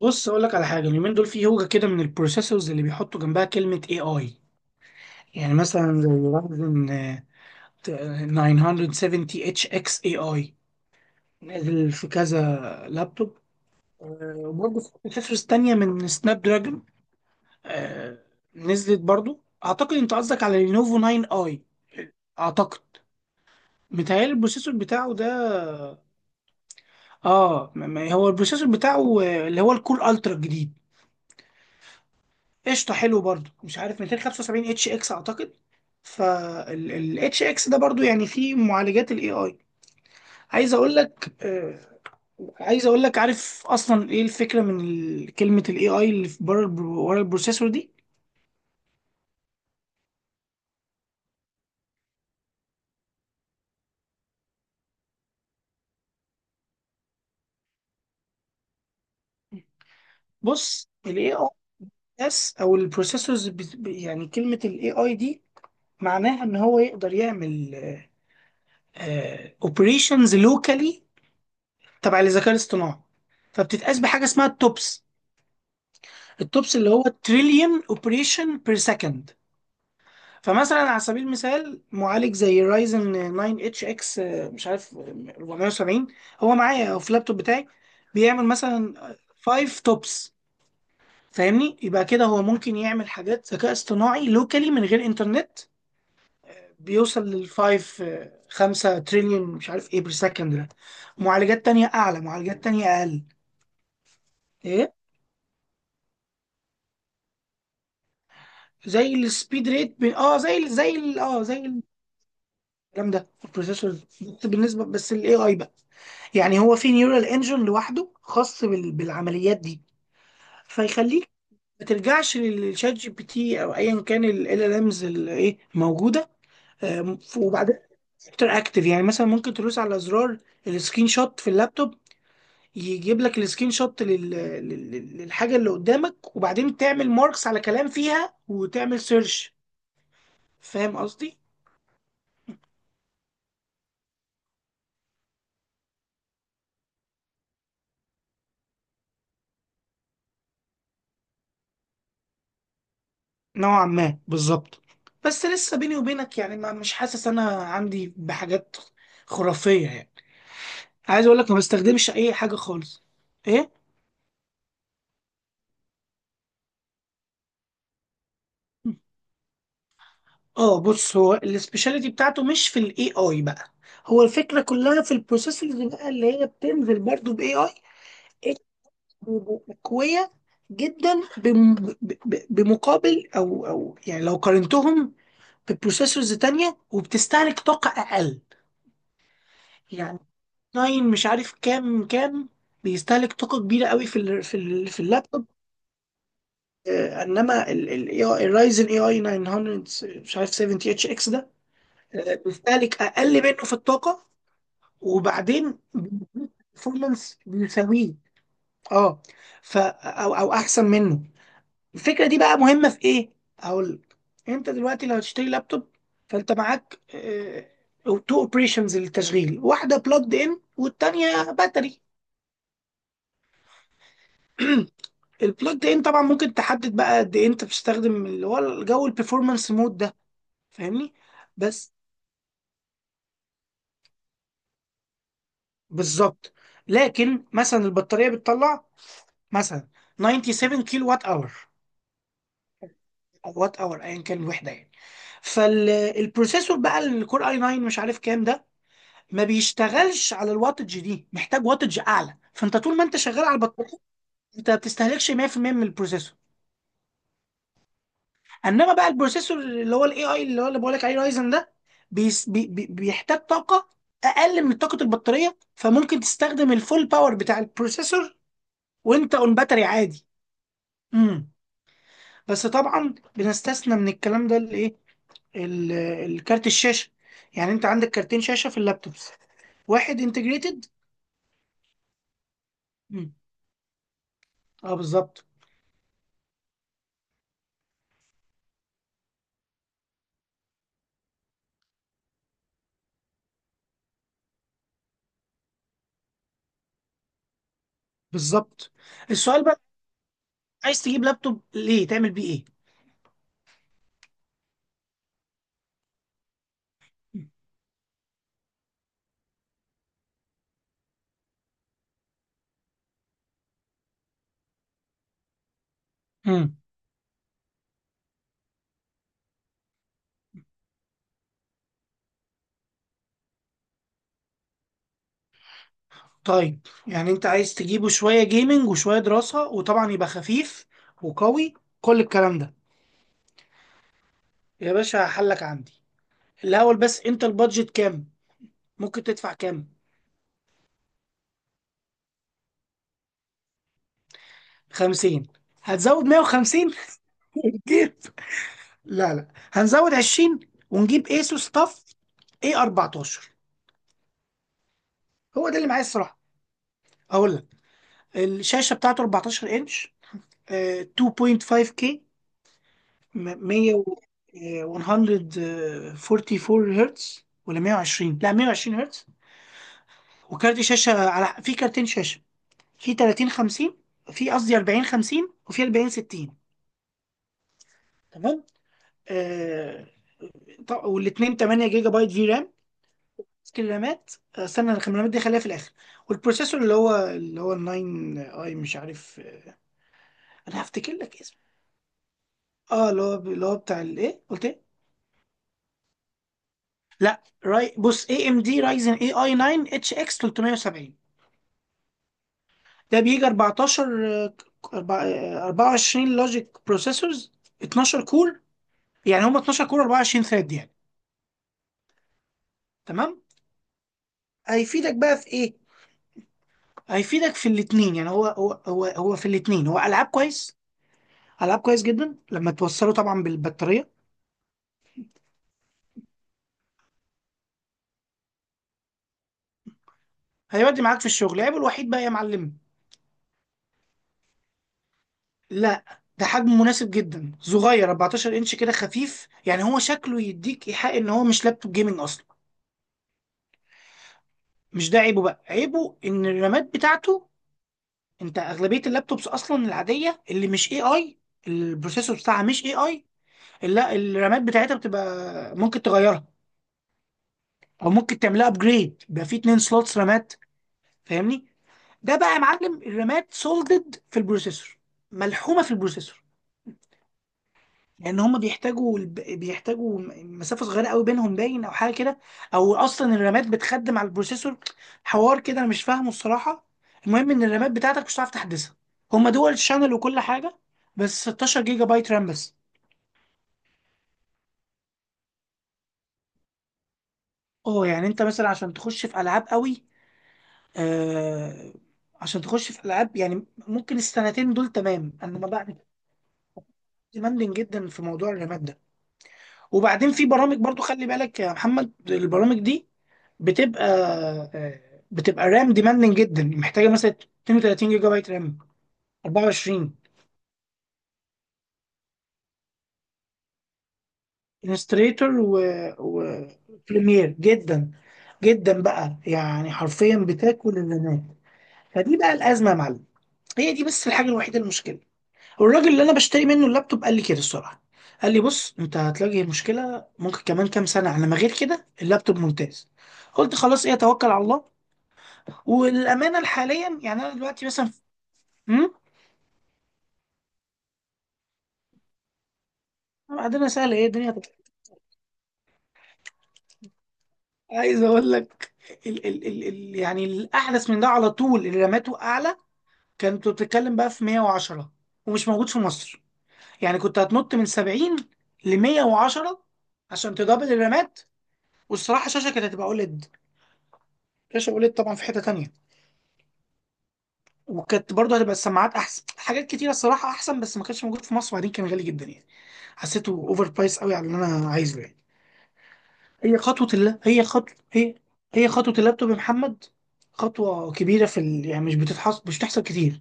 بص اقول لك على حاجه اليومين دول في هوجه كده من البروسيسورز اللي بيحطوا جنبها كلمه اي اي. يعني مثلا زي رايزن 970 اتش اكس اي اي نازل في كذا لابتوب. وبرضه في بروسيسورز تانية من سناب دراجون آه، نزلت برضه. اعتقد انت قصدك على لينوفو 9 اي، اعتقد متهيألي البروسيسور بتاعه ده. هو البروسيسور بتاعه اللي هو الكول الترا الجديد، قشطه، حلو برضو. مش عارف، 275 اتش اكس اعتقد. فالاتش اكس ده برضو يعني فيه معالجات الاي اي. عايز اقول لك، عايز اقول لك، عارف اصلا ايه الفكره من كلمه الاي اي اللي في بره ورا البروسيسور دي؟ بص، الاي اي اس او البروسيسورز يعني كلمه الاي اي دي معناها ان هو يقدر يعمل اوبريشنز لوكالي تبع الذكاء الاصطناعي. فبتتقاس بحاجه اسمها التوبس. التوبس اللي هو تريليون اوبريشن بير سكند. فمثلا على سبيل المثال، معالج زي رايزن 9 اتش اكس مش عارف 470، هو معايا أو في اللابتوب بتاعي، بيعمل مثلا 5 توبس. فاهمني؟ يبقى كده هو ممكن يعمل حاجات ذكاء اصطناعي لوكالي من غير انترنت. بيوصل للفايف، 5 تريليون مش عارف ايه بير سكند ده. معالجات تانية اعلى، معالجات تانية اقل. ايه زي السبيد ريت، ب... اه زي ال- زي ال- اه زي جامده البروسيسور. بس بالنسبه، بس الاي اي بقى، يعني هو في نيورال انجن لوحده خاص بالعمليات دي. فيخليك ما ترجعش للشات جي بي تي او ايا كان ال امز اللي ايه موجوده. وبعدين اكتر يعني مثلا ممكن تدوس على زرار السكرين شوت في اللابتوب. يجيب لك السكرين شوت للحاجه اللي قدامك، وبعدين تعمل ماركس على كلام فيها وتعمل سيرش. فاهم قصدي؟ نوعا ما بالظبط، بس لسه بيني وبينك يعني، ما مش حاسس انا عندي بحاجات خرافية يعني. عايز اقول لك، ما بستخدمش اي حاجة خالص. ايه. اه، بص، هو السبيشاليتي بتاعته مش في الاي اي بقى. هو الفكرة كلها في البروسيسورز بقى اللي هي بتنزل برضو باي اي قوية جدا، بمقابل او يعني لو قارنتهم ببروسيسورز تانية، وبتستهلك طاقة اقل. يعني 9 مش عارف كام، كام بيستهلك طاقة كبيرة قوي في اللابتوب، انما الرايزن اي اي 900 مش عارف 70 اتش اكس ده، بيستهلك اقل منه في الطاقة. وبعدين performance بيساويه، اه، او احسن منه. الفكرة دي بقى مهمة في ايه، هقول لك. انت دلوقتي لو هتشتري لابتوب، فانت معاك تو اوبريشنز للتشغيل، واحدة بلجد ان والتانية باتري. البلوت ان طبعا ممكن تحدد بقى قد ايه انت بتستخدم اللي هو الجو البرفورمانس مود ده. فاهمني؟ بس بالظبط. لكن مثلا البطاريه بتطلع مثلا 97 كيلو وات اور، او وات اور ايا كان الوحده يعني. فالبروسيسور بقى الكور اي 9 مش عارف كام ده، ما بيشتغلش على الواتج دي، محتاج واتج اعلى. فانت طول ما انت شغال على البطاريه، انت ما بتستهلكش 100% من البروسيسور. انما بقى البروسيسور اللي هو الاي اي، اللي هو اللي بقول لك عليه رايزن ده، بيس بي بي بيحتاج طاقه اقل من طاقه البطاريه، فممكن تستخدم الفول باور بتاع البروسيسور وانت اون باتري عادي. امم. بس طبعا بنستثنى من الكلام ده الايه، ال- الكارت الشاشه. يعني انت عندك كارتين شاشه في اللابتوبس، واحد انتجريتد. امم، اه بالظبط. بالظبط، السؤال بقى، عايز تجيب لابتوب ليه، تعمل بيه ايه؟ امم. طيب يعني انت عايز تجيبه شوية جيمنج وشوية دراسة، وطبعا يبقى خفيف وقوي، كل الكلام ده. يا باشا حلك عندي. الأول بس، انت البادجت كام؟ ممكن تدفع كام؟ خمسين؟ هتزود مية وخمسين. ونجيب... لا، لا، هنزود عشرين ونجيب ايسوس طف اي 14. هو ده اللي معايا الصراحة. اقول لك، الشاشة بتاعته 14 انش، 2.5K، م- 100 و- آه، 144 هرتز، ولا 120، لا، 120 هرتز. وكارت شاشه، في كارتين شاشه، في 30 50، في قصدي 40 50، وفي 40 60. تمام. آه طب والاثنين 8 جيجا بايت في رام، الرامات. استنى، الرامات دي خليها في الاخر. والبروسيسور اللي هو ال 9 اي مش عارف، انا هفتكر لك اسمه. اه، اللي هو بتاع الايه، قلت ايه؟ لا، بص، اي ام دي رايزن اي اي 9 اتش اكس 370. ده بيجي 14، 24 لوجيك بروسيسورز، 12 كور. يعني هم 12 كور 24 ثريد يعني. تمام. هيفيدك بقى في ايه، هيفيدك في الاثنين. يعني هو في الاثنين، هو العاب كويس، العاب كويس جدا لما توصله طبعا بالبطاريه. هيودي معاك في الشغل. عيبه الوحيد بقى يا معلم؟ لا، ده حجم مناسب جدا، صغير 14 انش، كده خفيف. يعني هو شكله يديك ايحاء ان هو مش لابتوب جيمنج اصلا. مش ده عيبه بقى. عيبه ان الرامات بتاعته، انت اغلبيه اللابتوبس اصلا العاديه اللي مش اي اي، البروسيسور بتاعها مش اي اي، لا، الرامات بتاعتها بتبقى ممكن تغيرها او ممكن تعملها ابجريد بقى، فيه اتنين سلوتس رامات، فاهمني؟ ده بقى يا معلم الرامات سولدد في البروسيسور، ملحومه في البروسيسور، لان هم بيحتاجوا بيحتاجوا مسافه صغيره قوي بينهم باين، او حاجه كده. او اصلا الرامات بتخدم على البروسيسور، حوار كده انا مش فاهمه الصراحه. المهم ان الرامات بتاعتك مش هتعرف تحدثها، هم دول شانل وكل حاجه، بس 16 جيجا بايت رام بس. اه، يعني انت مثلا عشان تخش في العاب قوي آه عشان تخش في العاب، يعني ممكن السنتين دول تمام، انما بعد ديماندنج جدا في موضوع الرامات ده. وبعدين في برامج برضو، خلي بالك يا محمد، البرامج دي بتبقى، بتبقى رام ديماندنج جدا، محتاجه مثلا 32 جيجا بايت رام، 24. انستريتور و بريمير، جدا جدا بقى، يعني حرفيا بتاكل الرامات. فدي بقى الازمه يا معلم، هي دي بس الحاجه الوحيده المشكله. والراجل اللي انا بشتري منه اللابتوب قال لي كده الصراحه، قال لي بص انت هتواجه مشكله ممكن كمان كام سنه، على ما غير كده اللابتوب ممتاز. قلت خلاص، ايه، توكل على الله. والامانه حاليا يعني انا دلوقتي مثلا مم؟ بعدين سهل ايه الدنيا. عايز اقول لك، ال ال ال ال يعني الاحدث من ده على طول اللي رماته اعلى كانت بتتكلم بقى في 110، ومش موجود في مصر. يعني كنت هتنط من 70 ل 110 عشان تدبل الرمات، والصراحه الشاشه كانت هتبقى اوليد. شاشه اوليد طبعا في حته تانية، وكانت برضه هتبقى السماعات احسن، حاجات كتيره الصراحه احسن، بس ما كانش موجود في مصر، وبعدين كان غالي جدا يعني، حسيته اوفر برايس قوي على اللي انا عايزه يعني. هي خطوة اللاب هي خطوة هي هي خطوة اللابتوب يا محمد، خطوة كبيرة يعني مش بتحصل كتير.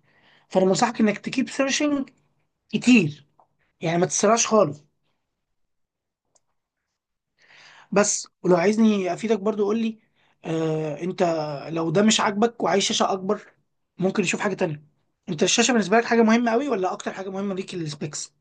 فأنا بنصحك إنك تكيب سيرشنج كتير، يعني ما تسرعش خالص. بس ولو عايزني أفيدك برضو قول لي. أنت لو ده مش عاجبك وعايز شاشة أكبر، ممكن نشوف حاجة تانية. أنت الشاشة بالنسبة لك حاجة مهمة أوي، ولا أكتر حاجة مهمة ليك السبيكس؟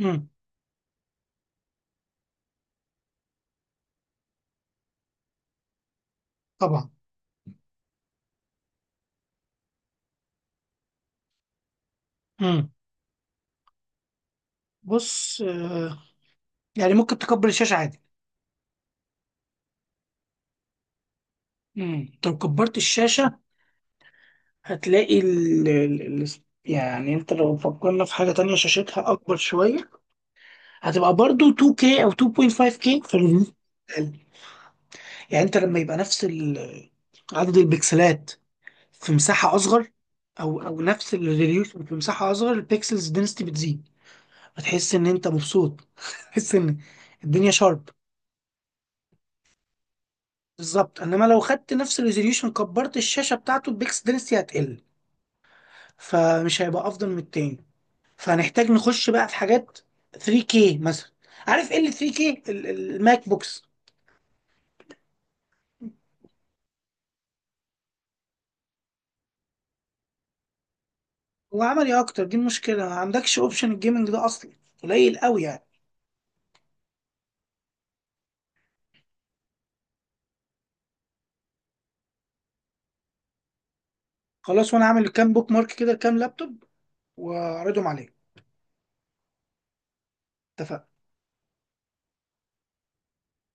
امم. طبعا. امم. بص، يعني ممكن تكبر الشاشة عادي. لو كبرت الشاشة، هتلاقي ال... ال... ال... يعني انت لو فكرنا في حاجة تانية شاشتها أكبر شوية، هتبقى برضو 2K أو 2.5K يعني انت لما يبقى نفس عدد البكسلات في مساحة أصغر، أو نفس الريزوليوشن في مساحة أصغر، البكسلز دنسيتي بتزيد، فتحس إن أنت مبسوط. تحس إن الدنيا شارب، بالظبط. إنما لو خدت نفس الريزوليوشن كبرت الشاشة بتاعته، البكسل دنسيتي هتقل، فمش هيبقى أفضل من التاني. فهنحتاج نخش بقى في حاجات 3K مثلا. عارف ايه اللي 3K الماك بوكس؟ هو عملي اكتر، دي المشكله، ما عندكش اوبشن الجيمنج ده اصلا، قليل قوي يعني. خلاص، وانا عامل كام بوك مارك كده، كام لابتوب، واعرضهم عليك. اتفقنا.